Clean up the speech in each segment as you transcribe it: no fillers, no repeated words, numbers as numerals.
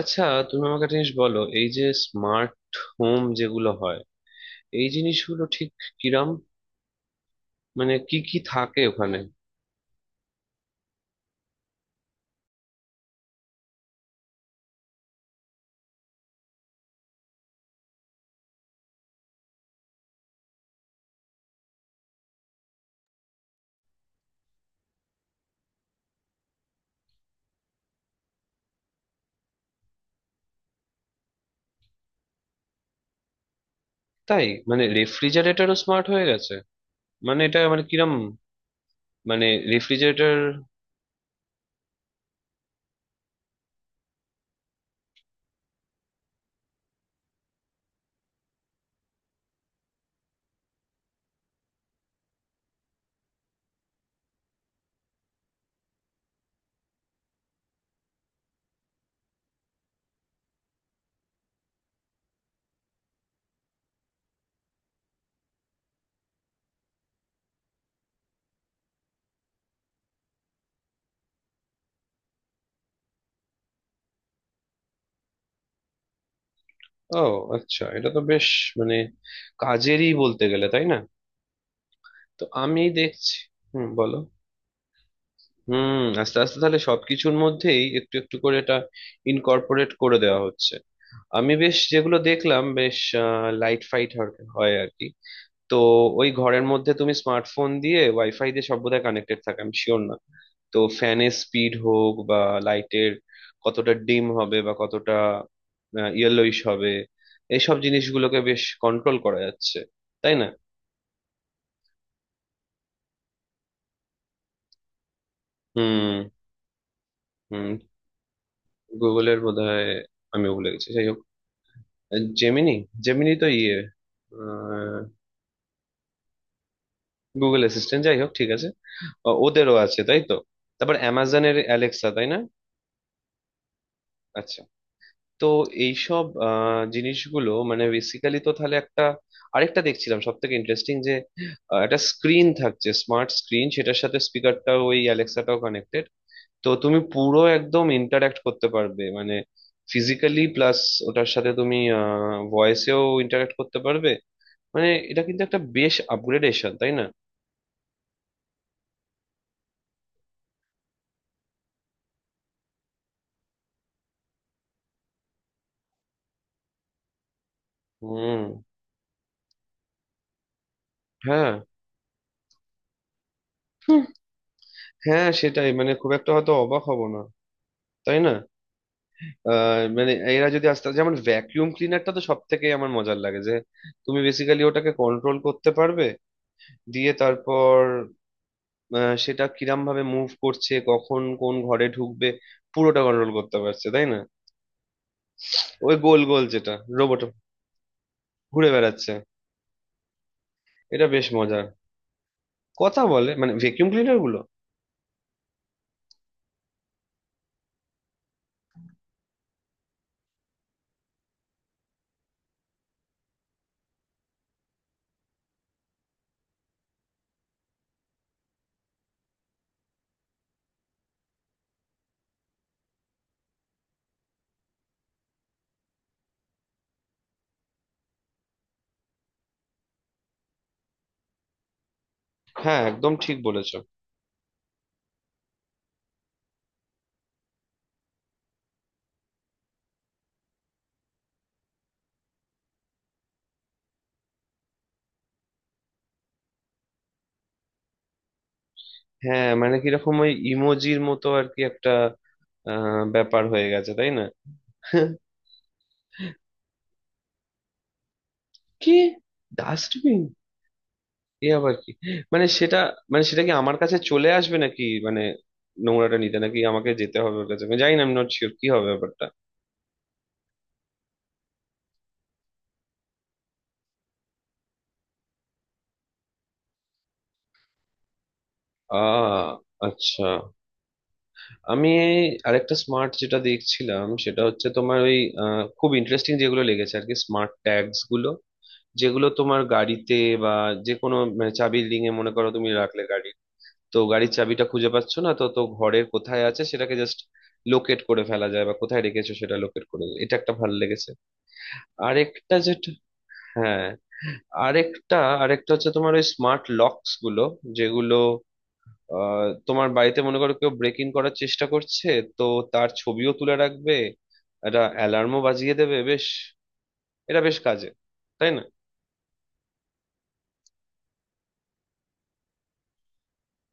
আচ্ছা, তুমি আমাকে একটা জিনিস বলো, এই যে স্মার্ট হোম যেগুলো হয়, এই জিনিসগুলো ঠিক কিরাম? মানে কি কি থাকে ওখানে? তাই? মানে রেফ্রিজারেটরও স্মার্ট হয়ে গেছে? মানে এটা মানে কিরাম? মানে রেফ্রিজারেটর। ও আচ্ছা, এটা তো বেশ মানে কাজেরই বলতে গেলে, তাই না? তো আমি দেখছি। হুম, বলো। হুম, আস্তে আস্তে তাহলে সবকিছুর মধ্যেই একটু একটু করে এটা ইনকর্পোরেট করে দেওয়া হচ্ছে। আমি বেশ যেগুলো দেখলাম, বেশ লাইট ফাইট হয় আর কি। তো ওই ঘরের মধ্যে তুমি স্মার্টফোন দিয়ে, ওয়াইফাই দিয়ে সব বোধহয় কানেক্টেড থাকে, আমি শিওর না। তো ফ্যানের স্পিড হোক বা লাইটের কতটা ডিম হবে বা কতটা ইয়েলোইশ হবে, এইসব জিনিসগুলোকে বেশ কন্ট্রোল করা যাচ্ছে, তাই না? হুম। হুম। গুগলের বোধহয়, আমিও ভুলে গেছি, যাই হোক। জেমিনি। জেমিনি তো ইয়ে। গুগল অ্যাসিস্ট্যান্ট, যাই হোক, ঠিক আছে। ওদেরও আছে তাই তো। তারপর অ্যামাজনের অ্যালেক্সা, তাই না? আচ্ছা। তো এইসব জিনিসগুলো মানে বেসিক্যালি তো তাহলে একটা, আরেকটা দেখছিলাম সব থেকে ইন্টারেস্টিং, যে একটা স্ক্রিন থাকছে স্মার্ট স্ক্রিন, সেটার সাথে স্পিকারটাও ওই অ্যালেক্সাটাও কানেক্টেড। তো তুমি পুরো একদম ইন্টারাক্ট করতে পারবে, মানে ফিজিক্যালি প্লাস ওটার সাথে তুমি ভয়েসেও ইন্টারাক্ট করতে পারবে। মানে এটা কিন্তু একটা বেশ আপগ্রেডেশন, তাই না? হুম। হ্যাঁ। হুম। হ্যাঁ, সেটাই, মানে খুব একটা হয়তো অবাক হব না, তাই না? মানে এরা যদি আস্তে, যেমন ভ্যাকিউম ক্লিনারটা তো সব থেকে আমার মজার লাগে যে তুমি বেসিক্যালি ওটাকে কন্ট্রোল করতে পারবে, দিয়ে তারপর সেটা কিরাম ভাবে মুভ করছে, কখন কোন ঘরে ঢুকবে পুরোটা কন্ট্রোল করতে পারছে, তাই না? ওই গোল গোল যেটা রোবট ঘুরে বেড়াচ্ছে, এটা বেশ মজার। কথা বলে মানে ভ্যাকিউম ক্লিনার গুলো? হ্যাঁ, একদম ঠিক বলেছো। হ্যাঁ মানে কিরকম ওই ইমোজির মতো আর কি একটা ব্যাপার হয়ে গেছে, তাই না? কি? ডাস্টবিন? এ আবার কি? মানে সেটা মানে সেটা কি আমার কাছে চলে আসবে নাকি, মানে নোংরাটা নিতে? নাকি আমাকে যেতে হবে ওর কাছে? আমি জানি না, আমি নট শিওর কি হবে ব্যাপারটা। আহ আচ্ছা। আমি আরেকটা স্মার্ট যেটা দেখছিলাম সেটা হচ্ছে তোমার ওই খুব ইন্টারেস্টিং যেগুলো লেগেছে আর কি, স্মার্ট ট্যাগস গুলো, যেগুলো তোমার গাড়িতে বা যে কোনো মানে চাবির রিং এ মনে করো তুমি রাখলে, গাড়ি, তো গাড়ির চাবিটা খুঁজে পাচ্ছ না, তো তো ঘরের কোথায় আছে সেটাকে জাস্ট লোকেট করে ফেলা যায়, বা কোথায় রেখেছো সেটা লোকেট করে, এটা একটা ভালো লেগেছে। আরেকটা যেটা, হ্যাঁ, আরেকটা, আরেকটা হচ্ছে তোমার ওই স্মার্ট লকস গুলো, যেগুলো তোমার বাড়িতে মনে করো কেউ ব্রেক ইন করার চেষ্টা করছে, তো তার ছবিও তুলে রাখবে, একটা অ্যালার্মও বাজিয়ে দেবে। বেশ, এটা বেশ কাজে, তাই না?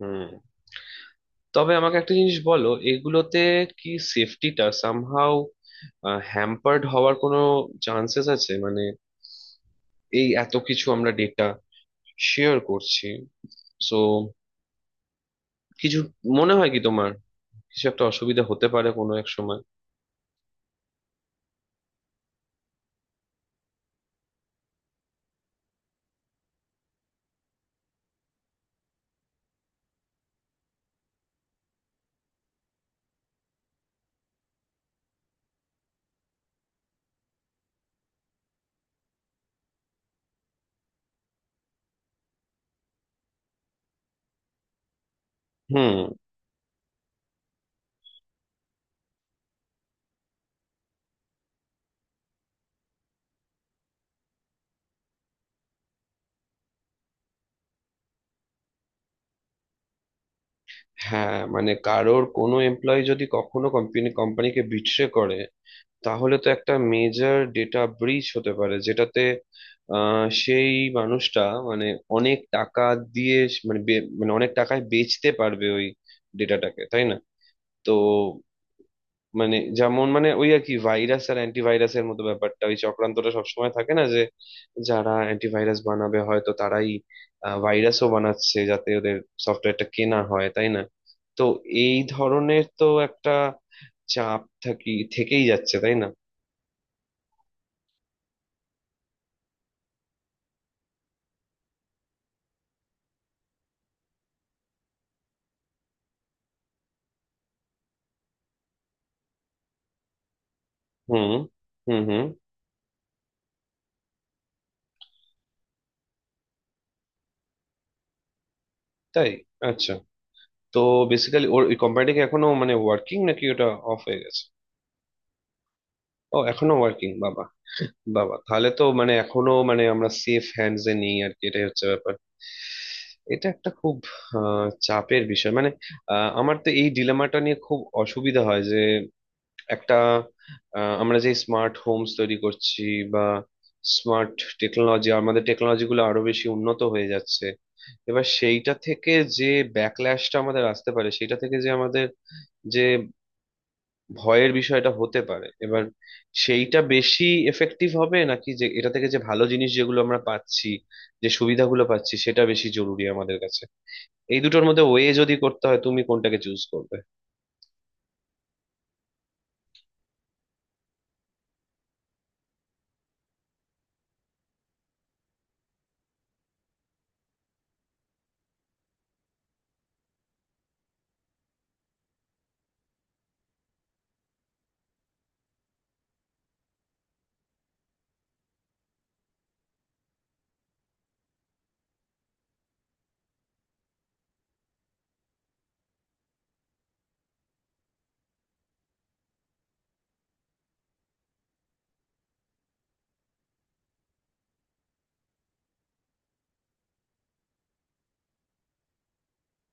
হুম। তবে আমাকে একটা জিনিস বলো, এগুলোতে কি সেফটিটা সামহাউ হ্যাম্পার্ড হওয়ার কোনো চান্সেস আছে? মানে এই এত কিছু আমরা ডেটা শেয়ার করছি, সো কিছু, মনে হয় কি তোমার কিছু একটা অসুবিধা হতে পারে কোনো এক সময়? হুম। হ্যাঁ মানে কারোর কোনো এমপ্লয়ি যদি কখনো কোম্পানিকে বিট্রে করে, তাহলে তো একটা মেজর ডেটা ব্রিচ হতে পারে, যেটাতে সেই মানুষটা মানে অনেক টাকা দিয়ে মানে মানে অনেক টাকায় বেচতে পারবে ওই ডেটাটাকে, তাই না? তো মানে যেমন মানে ওই আর কি ভাইরাস আর অ্যান্টিভাইরাসের মতো ব্যাপারটা, ওই চক্রান্তটা সবসময় থাকে না, যে যারা অ্যান্টিভাইরাস বানাবে হয়তো তারাই ভাইরাসও বানাচ্ছে যাতে ওদের সফটওয়্যারটা কেনা হয়, তাই না? তো এই ধরনের তো একটা চাপ থেকেই যাচ্ছে, তাই না? হুম। হুম। হুম। তাই? আচ্ছা। তো বেসিক্যালি ওর ওই কোম্পানিটা কি এখনো মানে ওয়ার্কিং নাকি ওটা অফ হয়ে গেছে? ও এখনো ওয়ার্কিং? বাবা বাবা, তাহলে তো মানে এখনো মানে আমরা সেফ হ্যান্ডস এ নেই আর কি, এটাই হচ্ছে ব্যাপার। এটা একটা খুব চাপের বিষয় মানে। আমার তো এই ডিলেমাটা নিয়ে খুব অসুবিধা হয় যে একটা, আমরা যে স্মার্ট হোমস তৈরি করছি বা স্মার্ট টেকনোলজি, আমাদের টেকনোলজি গুলো আরো বেশি উন্নত হয়ে যাচ্ছে, এবার সেইটা থেকে যে ব্যাকল্যাশটা আমাদের আসতে পারে, সেটা থেকে যে আমাদের যে ভয়ের বিষয়টা হতে পারে, এবার সেইটা বেশি এফেক্টিভ হবে, নাকি যে এটা থেকে যে ভালো জিনিস যেগুলো আমরা পাচ্ছি, যে সুবিধাগুলো পাচ্ছি সেটা বেশি জরুরি আমাদের কাছে, এই দুটোর মধ্যে ওয়ে যদি করতে হয় তুমি কোনটাকে চুজ করবে?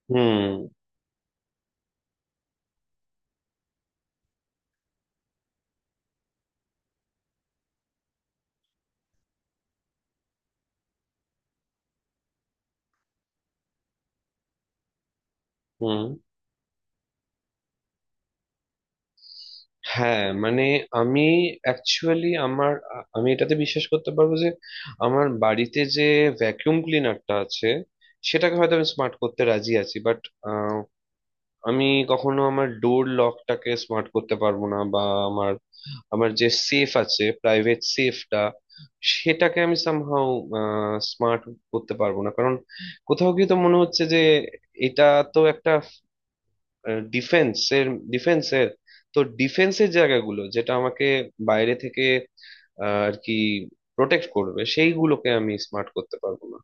হুম। হুম। হ্যাঁ মানে আমি অ্যাকচুয়ালি আমার আমি এটাতে বিশ্বাস করতে পারবো যে আমার বাড়িতে যে ভ্যাকুয়াম ক্লিনারটা আছে সেটাকে হয়তো আমি স্মার্ট করতে রাজি আছি, বাট আমি কখনো আমার ডোর লকটাকে স্মার্ট করতে পারবো না, বা আমার আমার যে সেফ আছে প্রাইভেট সেফটা সেটাকে আমি সামহাউ স্মার্ট করতে পারবো না, কারণ কোথাও গিয়ে তো মনে হচ্ছে যে এটা তো একটা ডিফেন্স এর ডিফেন্সের তো, ডিফেন্সের জায়গাগুলো যেটা আমাকে বাইরে থেকে আহ, আর কি প্রোটেক্ট করবে সেইগুলোকে আমি স্মার্ট করতে পারবো না,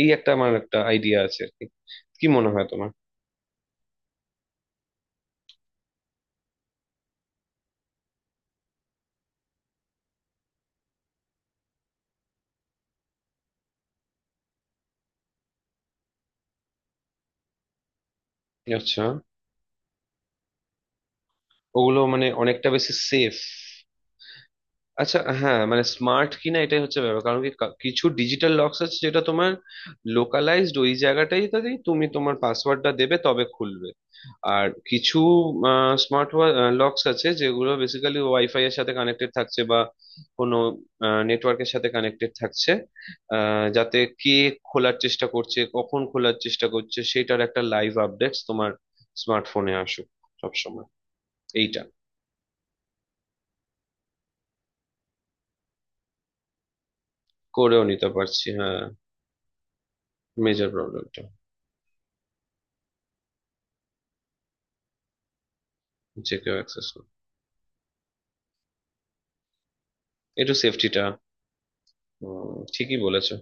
এই একটা আইডিয়া আছে আর কি। কি মনে হয় তোমার? আচ্ছা, ওগুলো মানে অনেকটা বেশি সেফ? আচ্ছা হ্যাঁ, মানে স্মার্ট কিনা এটাই হচ্ছে ব্যাপার, কারণ কি কিছু ডিজিটাল লক্স আছে যেটা তোমার লোকালাইজড ওই জায়গাটাই, তাই তুমি তোমার পাসওয়ার্ডটা দেবে তবে খুলবে, আর কিছু স্মার্ট লক্স আছে যেগুলো বেসিক্যালি ওয়াইফাই এর সাথে কানেক্টেড থাকছে বা কোনো নেটওয়ার্কের সাথে কানেক্টেড থাকছে, যাতে কে খোলার চেষ্টা করছে কখন খোলার চেষ্টা করছে সেটার একটা লাইভ আপডেটস তোমার স্মার্টফোনে আসুক সবসময়, এইটা। করেও নিতে পারছি হ্যাঁ। মেজর প্রবলেমটা যে কেউ অ্যাক্সেস, এটা সেফটিটা। ঠিকই বলেছো।